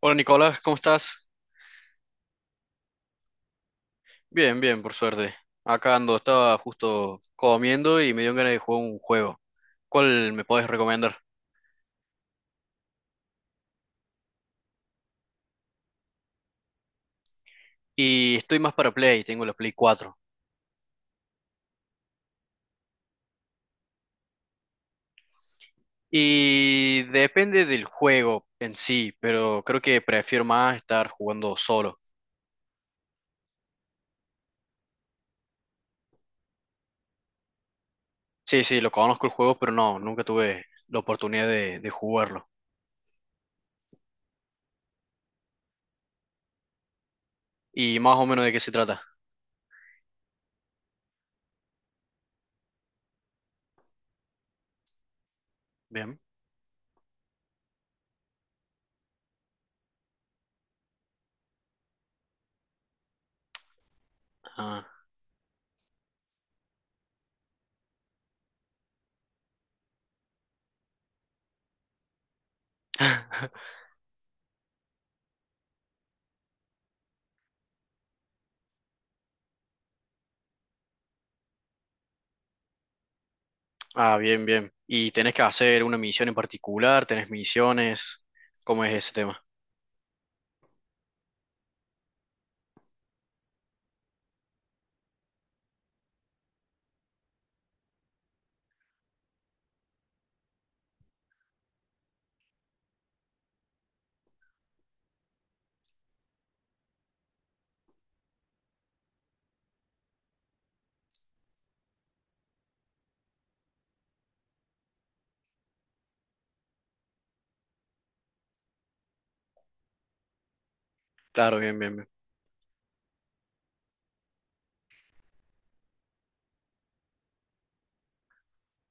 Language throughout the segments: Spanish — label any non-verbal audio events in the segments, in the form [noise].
Hola Nicolás, ¿cómo estás? Bien, bien, por suerte. Acá ando, estaba justo comiendo y me dio ganas de jugar un juego. ¿Cuál me podés recomendar? Y estoy más para Play, tengo la Play cuatro. Y depende del juego en sí, pero creo que prefiero más estar jugando solo. Sí, sí, lo conozco el juego, pero no, nunca tuve la oportunidad de jugarlo. ¿Y más o menos de qué se trata? Bien. Ah. [laughs] Ah, bien, bien. ¿Y tenés que hacer una misión en particular? ¿Tenés misiones? ¿Cómo es ese tema? Claro, bien, bien, bien.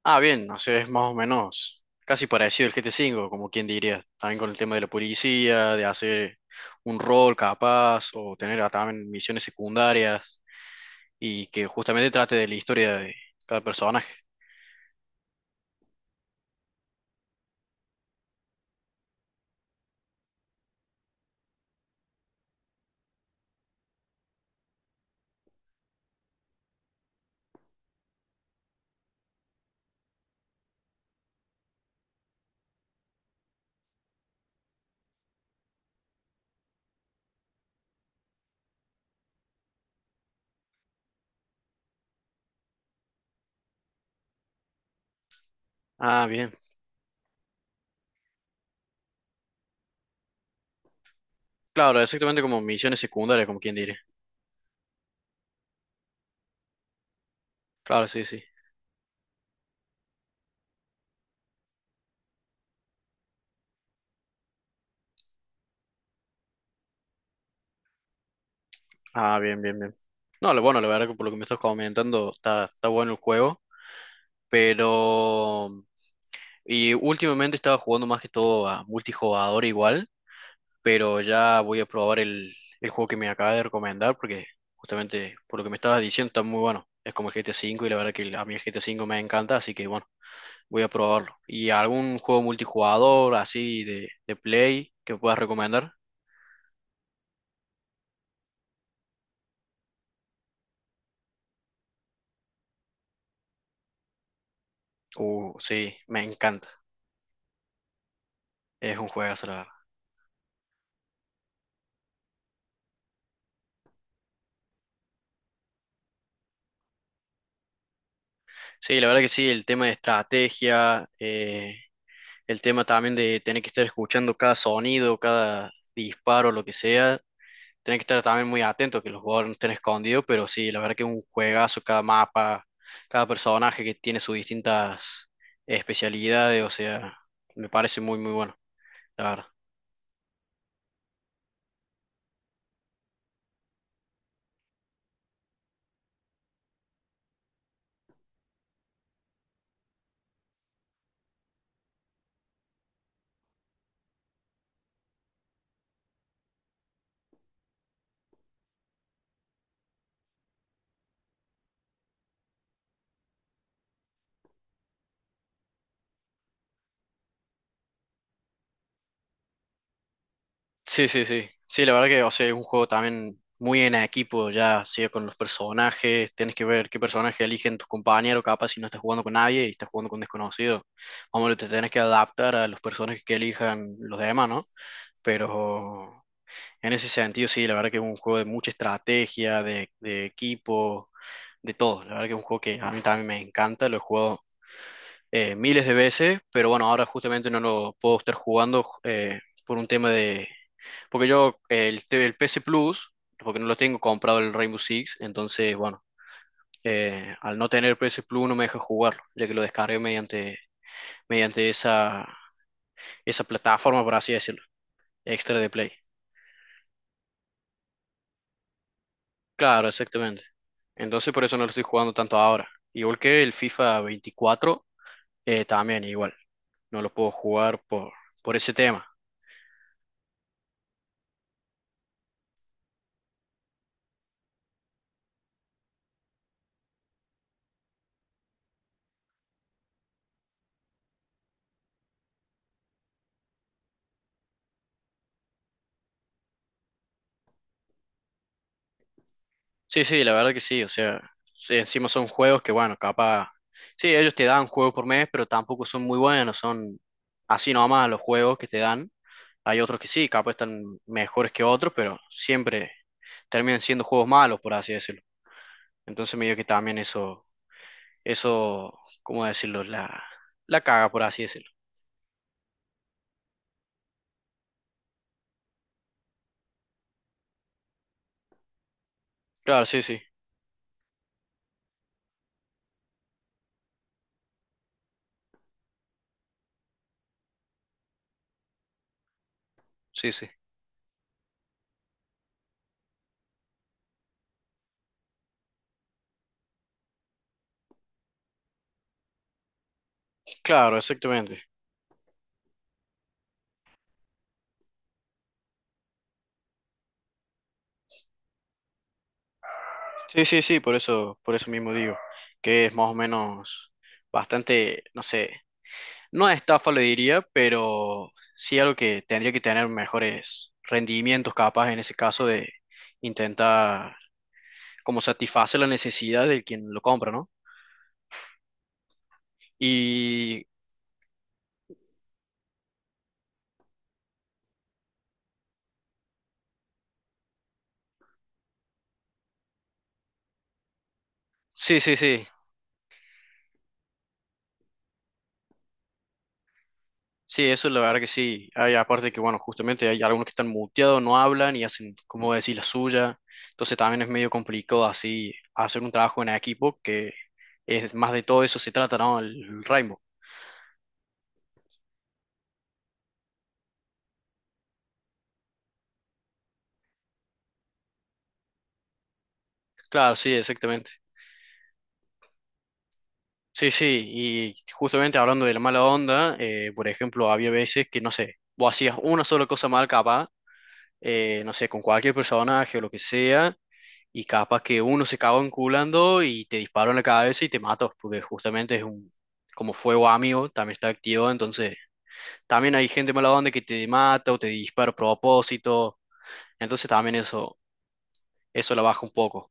Ah, bien, no sé, es más o menos casi parecido al G T cinco, como quien diría. También con el tema de la policía, de hacer un rol capaz, o tener también misiones secundarias, y que justamente trate de la historia de cada personaje. Ah, bien. Claro, exactamente como misiones secundarias, como quien diría. Claro, sí, sí. Ah, bien, bien, bien. No, lo bueno, la verdad que por lo que me estás comentando, está bueno el juego. Pero... Y últimamente estaba jugando más que todo a multijugador igual, pero ya voy a probar el juego que me acaba de recomendar porque justamente por lo que me estabas diciendo está muy bueno. Es como el GTA V y la verdad que a mí el GTA V me encanta, así que bueno, voy a probarlo. ¿Y algún juego multijugador así de Play que puedas recomendar? Sí, me encanta. Es un juegazo, la verdad. Sí, la verdad que sí, el tema de estrategia, el tema también de tener que estar escuchando cada sonido, cada disparo, lo que sea. Tener que estar también muy atento que los jugadores no estén escondidos, pero sí, la verdad que es un juegazo, cada mapa, cada personaje que tiene sus distintas especialidades, o sea, me parece muy, muy bueno, la verdad. Sí, sí, sí. Sí, la verdad que, o sea, es un juego también muy en equipo, ya sea con los personajes, tienes que ver qué personaje eligen tus compañeros, capaz si no estás jugando con nadie y estás jugando con desconocidos. Hombre, te tienes que adaptar a los personajes que elijan los demás, ¿no? Pero en ese sentido, sí, la verdad que es un juego de mucha estrategia, de equipo, de todo. La verdad que es un juego que a mí también me encanta, lo he jugado miles de veces, pero bueno, ahora justamente no lo puedo estar jugando por un tema de porque yo el PS Plus, porque no lo tengo comprado el Rainbow Six, entonces, bueno, al no tener PS Plus no me deja jugarlo, ya que lo descargué mediante esa plataforma, por así decirlo, extra de Play. Claro, exactamente. Entonces por eso no lo estoy jugando tanto ahora. Igual que el FIFA 24, también igual, no lo puedo jugar por ese tema. Sí, sí, la verdad que sí, o sea, sí, encima son juegos que, bueno, capaz, sí, ellos te dan juegos por mes, pero tampoco son muy buenos, son así nomás los juegos que te dan. Hay otros que sí, capaz están mejores que otros, pero siempre terminan siendo juegos malos, por así decirlo. Entonces medio que también eso, ¿cómo decirlo? La caga, por así decirlo. Claro, sí, sí, sí, sí. Claro, exactamente. Sí, sí, sí, por eso mismo digo, que es más o menos bastante, no sé. No estafa lo diría, pero sí algo que tendría que tener mejores rendimientos capaz en ese caso de intentar como satisfacer la necesidad del quien lo compra, ¿no? Y sí, sí, sí, sí, eso la verdad que sí. Hay aparte que, bueno, justamente hay algunos que están muteados, no hablan y hacen, como decir, la suya. Entonces también es medio complicado así hacer un trabajo en equipo que es más de todo eso se trata, ¿no? El Rainbow. Claro, sí, exactamente. Sí, sí, y justamente hablando de la mala onda, por ejemplo, había veces que, no sé, vos hacías una sola cosa mal capaz, no sé, con cualquier personaje o lo que sea, y capaz que uno se cagó enculando y te disparó en la cabeza y te mató, porque justamente es un, como fuego amigo, también está activo, entonces también hay gente mala onda que te mata o te dispara a propósito, entonces también eso la baja un poco.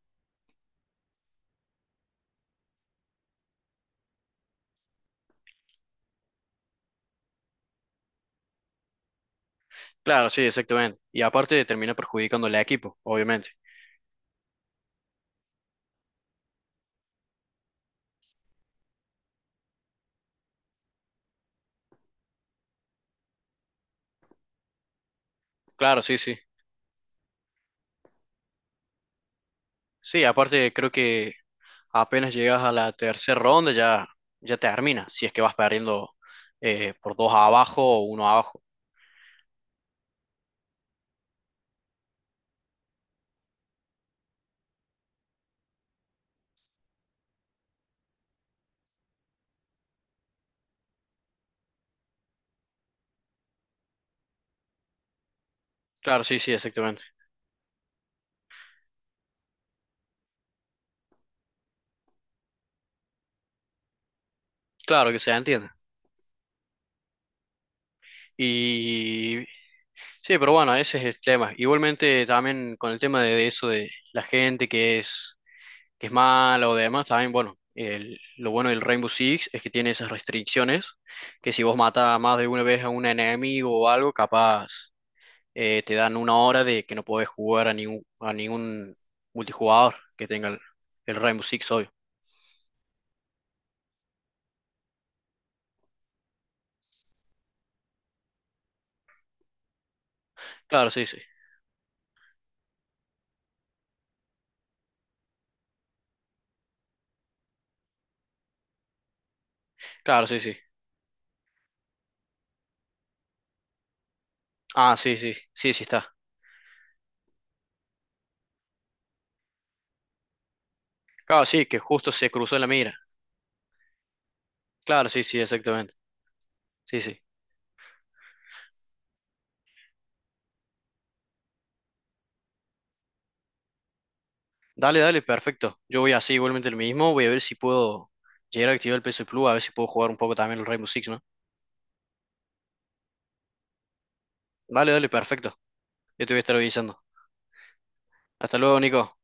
Claro, sí, exactamente. Y aparte termina perjudicando al equipo, obviamente. Claro, sí, sí. Sí, aparte creo que apenas llegas a la tercera ronda ya, termina, si es que vas perdiendo por dos abajo o uno abajo. Claro, sí, sí, exactamente. Claro que se entiende. Y sí, pero bueno, ese es el tema. Igualmente también con el tema de eso de la gente que es mala o demás, también bueno, lo bueno del Rainbow Six es que tiene esas restricciones, que si vos matas más de una vez a un enemigo o algo, capaz te dan una hora de que no podés jugar a ningún multijugador que tenga el Rainbow Six, obvio. Claro, sí, sí. Claro, sí, sí. Ah, sí, sí. Sí, sí está. Claro, sí, que justo se cruzó en la mira. Claro, sí, sí, exactamente. Sí, sí. Dale, dale, perfecto. Yo voy así igualmente lo mismo. Voy a ver si puedo llegar a activar el PS Plus, a ver si puedo jugar un poco también el Rainbow Six, ¿no? Dale, dale, perfecto. Yo te voy a estar avisando. Hasta luego, Nico.